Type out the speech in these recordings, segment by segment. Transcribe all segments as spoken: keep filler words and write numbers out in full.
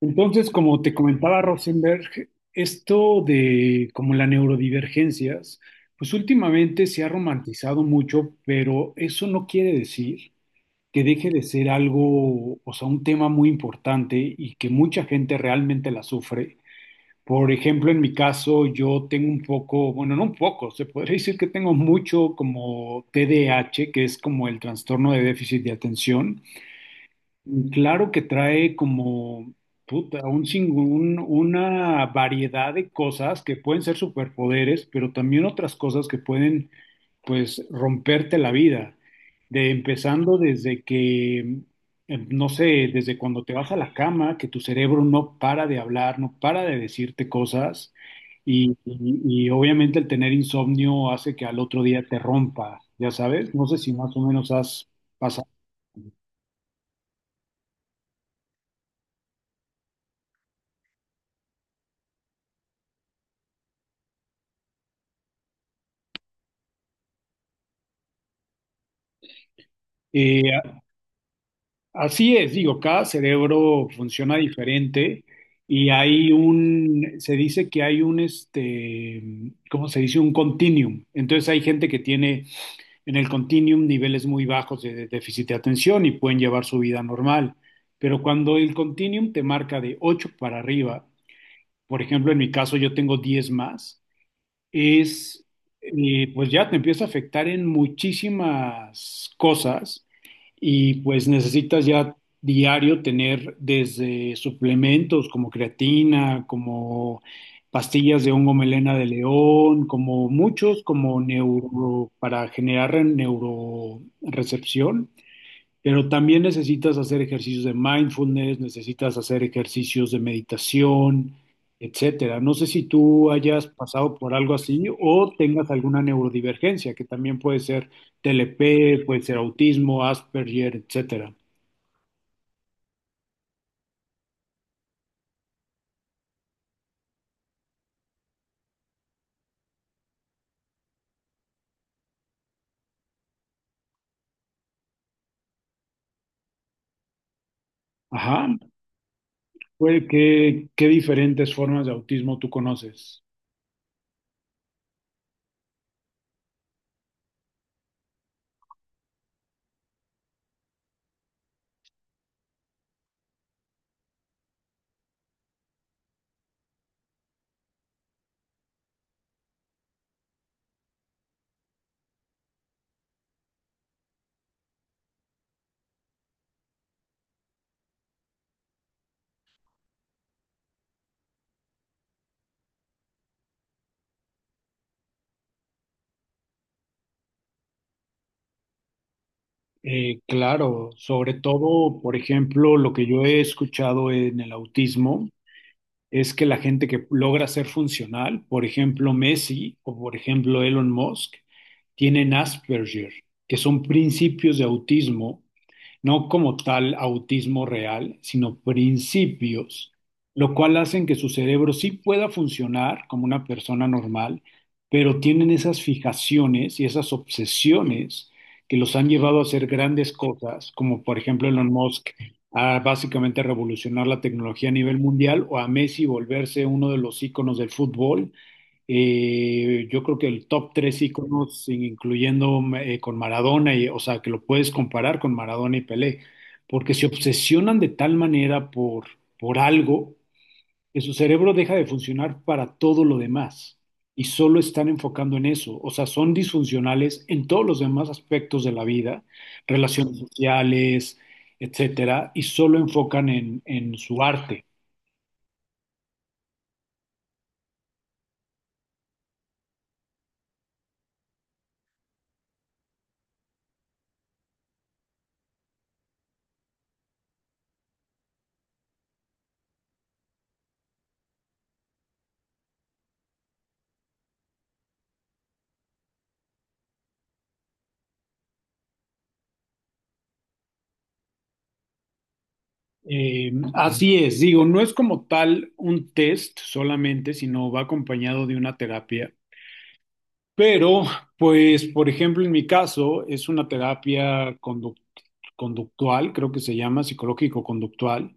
Entonces, como te comentaba Rosenberg, esto de como las neurodivergencias, pues últimamente se ha romantizado mucho, pero eso no quiere decir que deje de ser algo, o sea, un tema muy importante y que mucha gente realmente la sufre. Por ejemplo, en mi caso, yo tengo un poco, bueno, no un poco, se podría decir que tengo mucho como T D A H, que es como el trastorno de déficit de atención. Mm, Claro que trae como puta, un, sin- un- una variedad de cosas que pueden ser superpoderes, pero también otras cosas que pueden, pues, romperte la vida. De empezando desde que, eh, no sé, desde cuando te vas a la cama, que tu cerebro no para de hablar, no para de decirte cosas, y, y y obviamente el tener insomnio hace que al otro día te rompa, ya sabes, no sé si más o menos has pasado. eh, Así es, digo, cada cerebro funciona diferente y hay un, se dice que hay un, este, ¿cómo se dice? Un continuum. Entonces hay gente que tiene en el continuum niveles muy bajos de, de déficit de atención y pueden llevar su vida normal. Pero cuando el continuum te marca de ocho para arriba, por ejemplo, en mi caso yo tengo diez más, es, eh, pues ya te empieza a afectar en muchísimas cosas y pues necesitas ya diario tener desde suplementos como creatina, como pastillas de hongo melena de león, como muchos, como neuro, para generar neurorecepción, pero también necesitas hacer ejercicios de mindfulness, necesitas hacer ejercicios de meditación, etcétera. No sé si tú hayas pasado por algo así o tengas alguna neurodivergencia, que también puede ser T L P, puede ser autismo, Asperger, etcétera. Ajá. Pues, ¿qué, qué diferentes formas de autismo tú conoces? Eh, claro, sobre todo, por ejemplo, lo que yo he escuchado en el autismo es que la gente que logra ser funcional, por ejemplo Messi o por ejemplo Elon Musk, tienen Asperger, que son principios de autismo, no como tal autismo real, sino principios, lo cual hacen que su cerebro sí pueda funcionar como una persona normal, pero tienen esas fijaciones y esas obsesiones que los han llevado a hacer grandes cosas, como por ejemplo Elon Musk a básicamente revolucionar la tecnología a nivel mundial, o a Messi volverse uno de los íconos del fútbol. Eh, yo creo que el top tres íconos, sin- incluyendo eh, con Maradona, y, o sea, que lo puedes comparar con Maradona y Pelé, porque se obsesionan de tal manera por, por algo que su cerebro deja de funcionar para todo lo demás y solo están enfocando en eso. O sea, son disfuncionales en todos los demás aspectos de la vida, relaciones sociales, etcétera, y solo enfocan en, en su arte. Eh, así es, digo, no es como tal un test solamente, sino va acompañado de una terapia. Pero, pues, por ejemplo, en mi caso, es una terapia conduct- conductual, creo que se llama psicológico-conductual,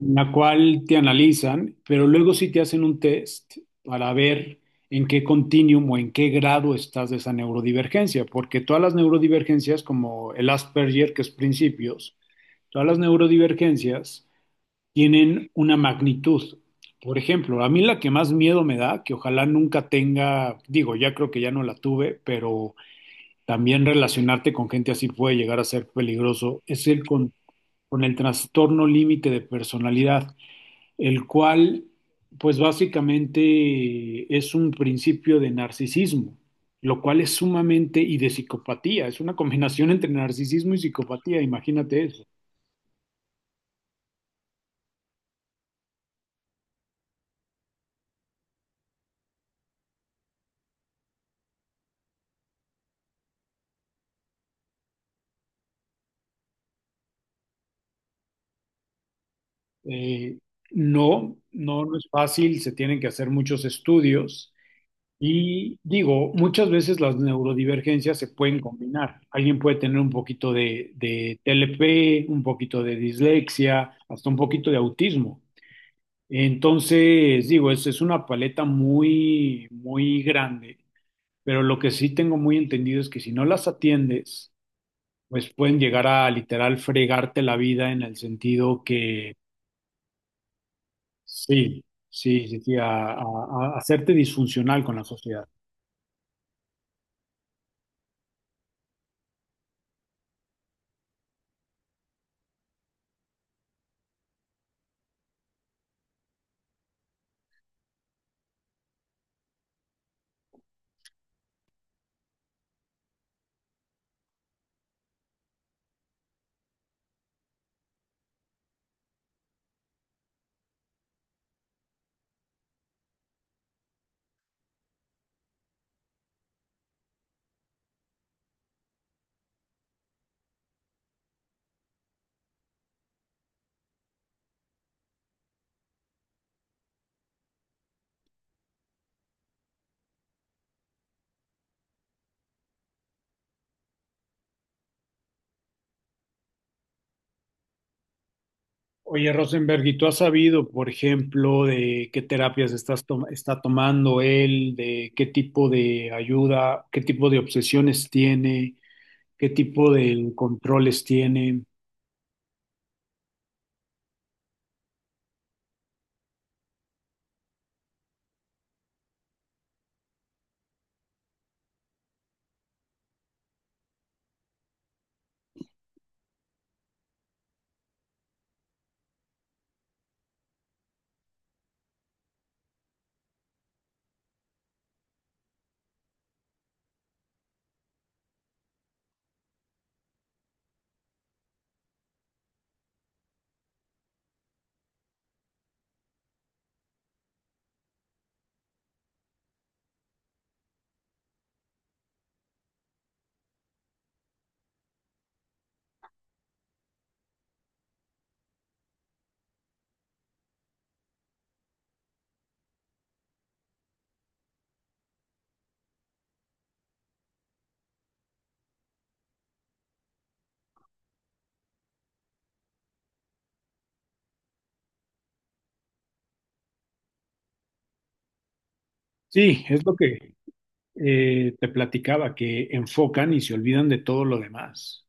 en la cual te analizan, pero luego sí te hacen un test para ver en qué continuum o en qué grado estás de esa neurodivergencia, porque todas las neurodivergencias, como el Asperger, que es principios, todas las neurodivergencias tienen una magnitud. Por ejemplo, a mí la que más miedo me da, que ojalá nunca tenga, digo, ya creo que ya no la tuve, pero también relacionarte con gente así puede llegar a ser peligroso, es el con, con el trastorno límite de personalidad, el cual, pues básicamente es un principio de narcisismo, lo cual es sumamente, y de psicopatía, es una combinación entre narcisismo y psicopatía, imagínate eso. Eh, no, no, no es fácil, se tienen que hacer muchos estudios, y digo, muchas veces las neurodivergencias se pueden combinar. Alguien puede tener un poquito de, de T L P, un poquito de dislexia, hasta un poquito de autismo. Entonces, digo, es, es una paleta muy, muy grande, pero lo que sí tengo muy entendido es que si no las atiendes, pues pueden llegar a literal fregarte la vida en el sentido que... Sí, sí, sí, sí, a, a- a hacerte disfuncional con la sociedad. Oye, Rosenberg, ¿y tú has sabido, por ejemplo, de qué terapias estás tom- está tomando él, de qué tipo de ayuda, qué tipo de obsesiones tiene, qué tipo de controles tiene? Sí, es lo que eh, te platicaba, que enfocan y se olvidan de todo lo demás.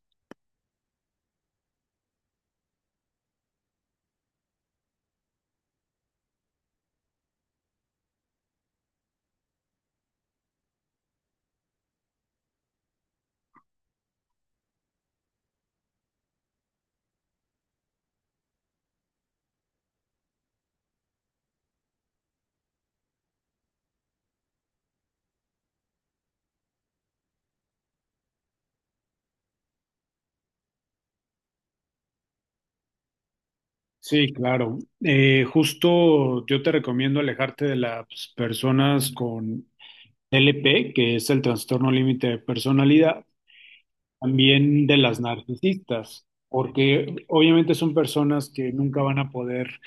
Sí, claro. Eh, justo yo te recomiendo alejarte de las personas con T L P, que es el trastorno límite de personalidad, también de las narcisistas, porque obviamente son personas que nunca van a poder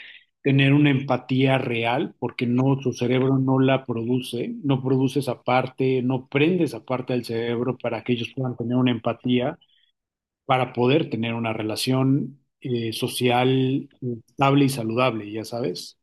tener una empatía real, porque no, su cerebro no la produce, no produce esa parte, no prende esa parte del cerebro para que ellos puedan tener una empatía, para poder tener una relación eh, social estable y saludable, ya sabes.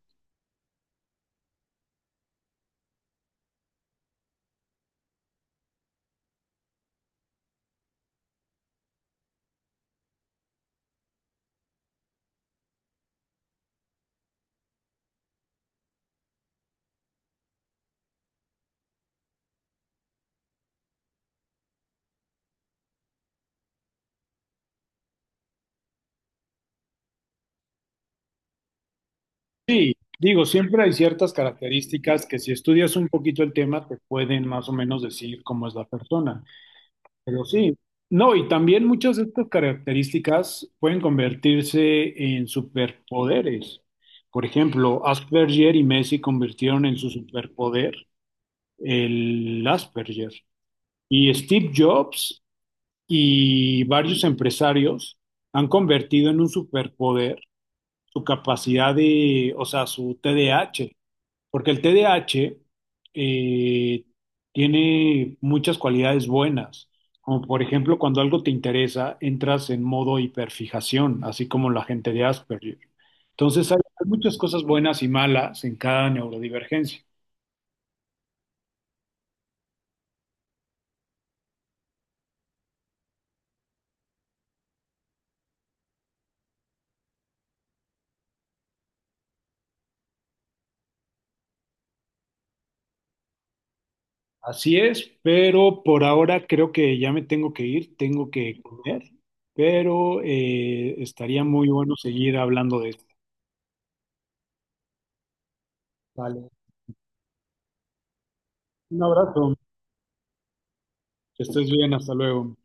Sí, digo, siempre hay ciertas características que si estudias un poquito el tema te pueden más o menos decir cómo es la persona. Pero sí, no, y también muchas de estas características pueden convertirse en superpoderes. Por ejemplo, Asperger y Messi convirtieron en su superpoder el Asperger. Y Steve Jobs y varios empresarios han convertido en un superpoder su capacidad de, o sea, su T D A H. Porque el T D A H eh, tiene muchas cualidades buenas, como por ejemplo cuando algo te interesa, entras en modo hiperfijación, así como la gente de Asperger. Entonces hay, hay muchas cosas buenas y malas en cada neurodivergencia. Así es, pero por ahora creo que ya me tengo que ir, tengo que comer, pero eh, estaría muy bueno seguir hablando de esto. Vale. Un abrazo, que estés bien, hasta luego.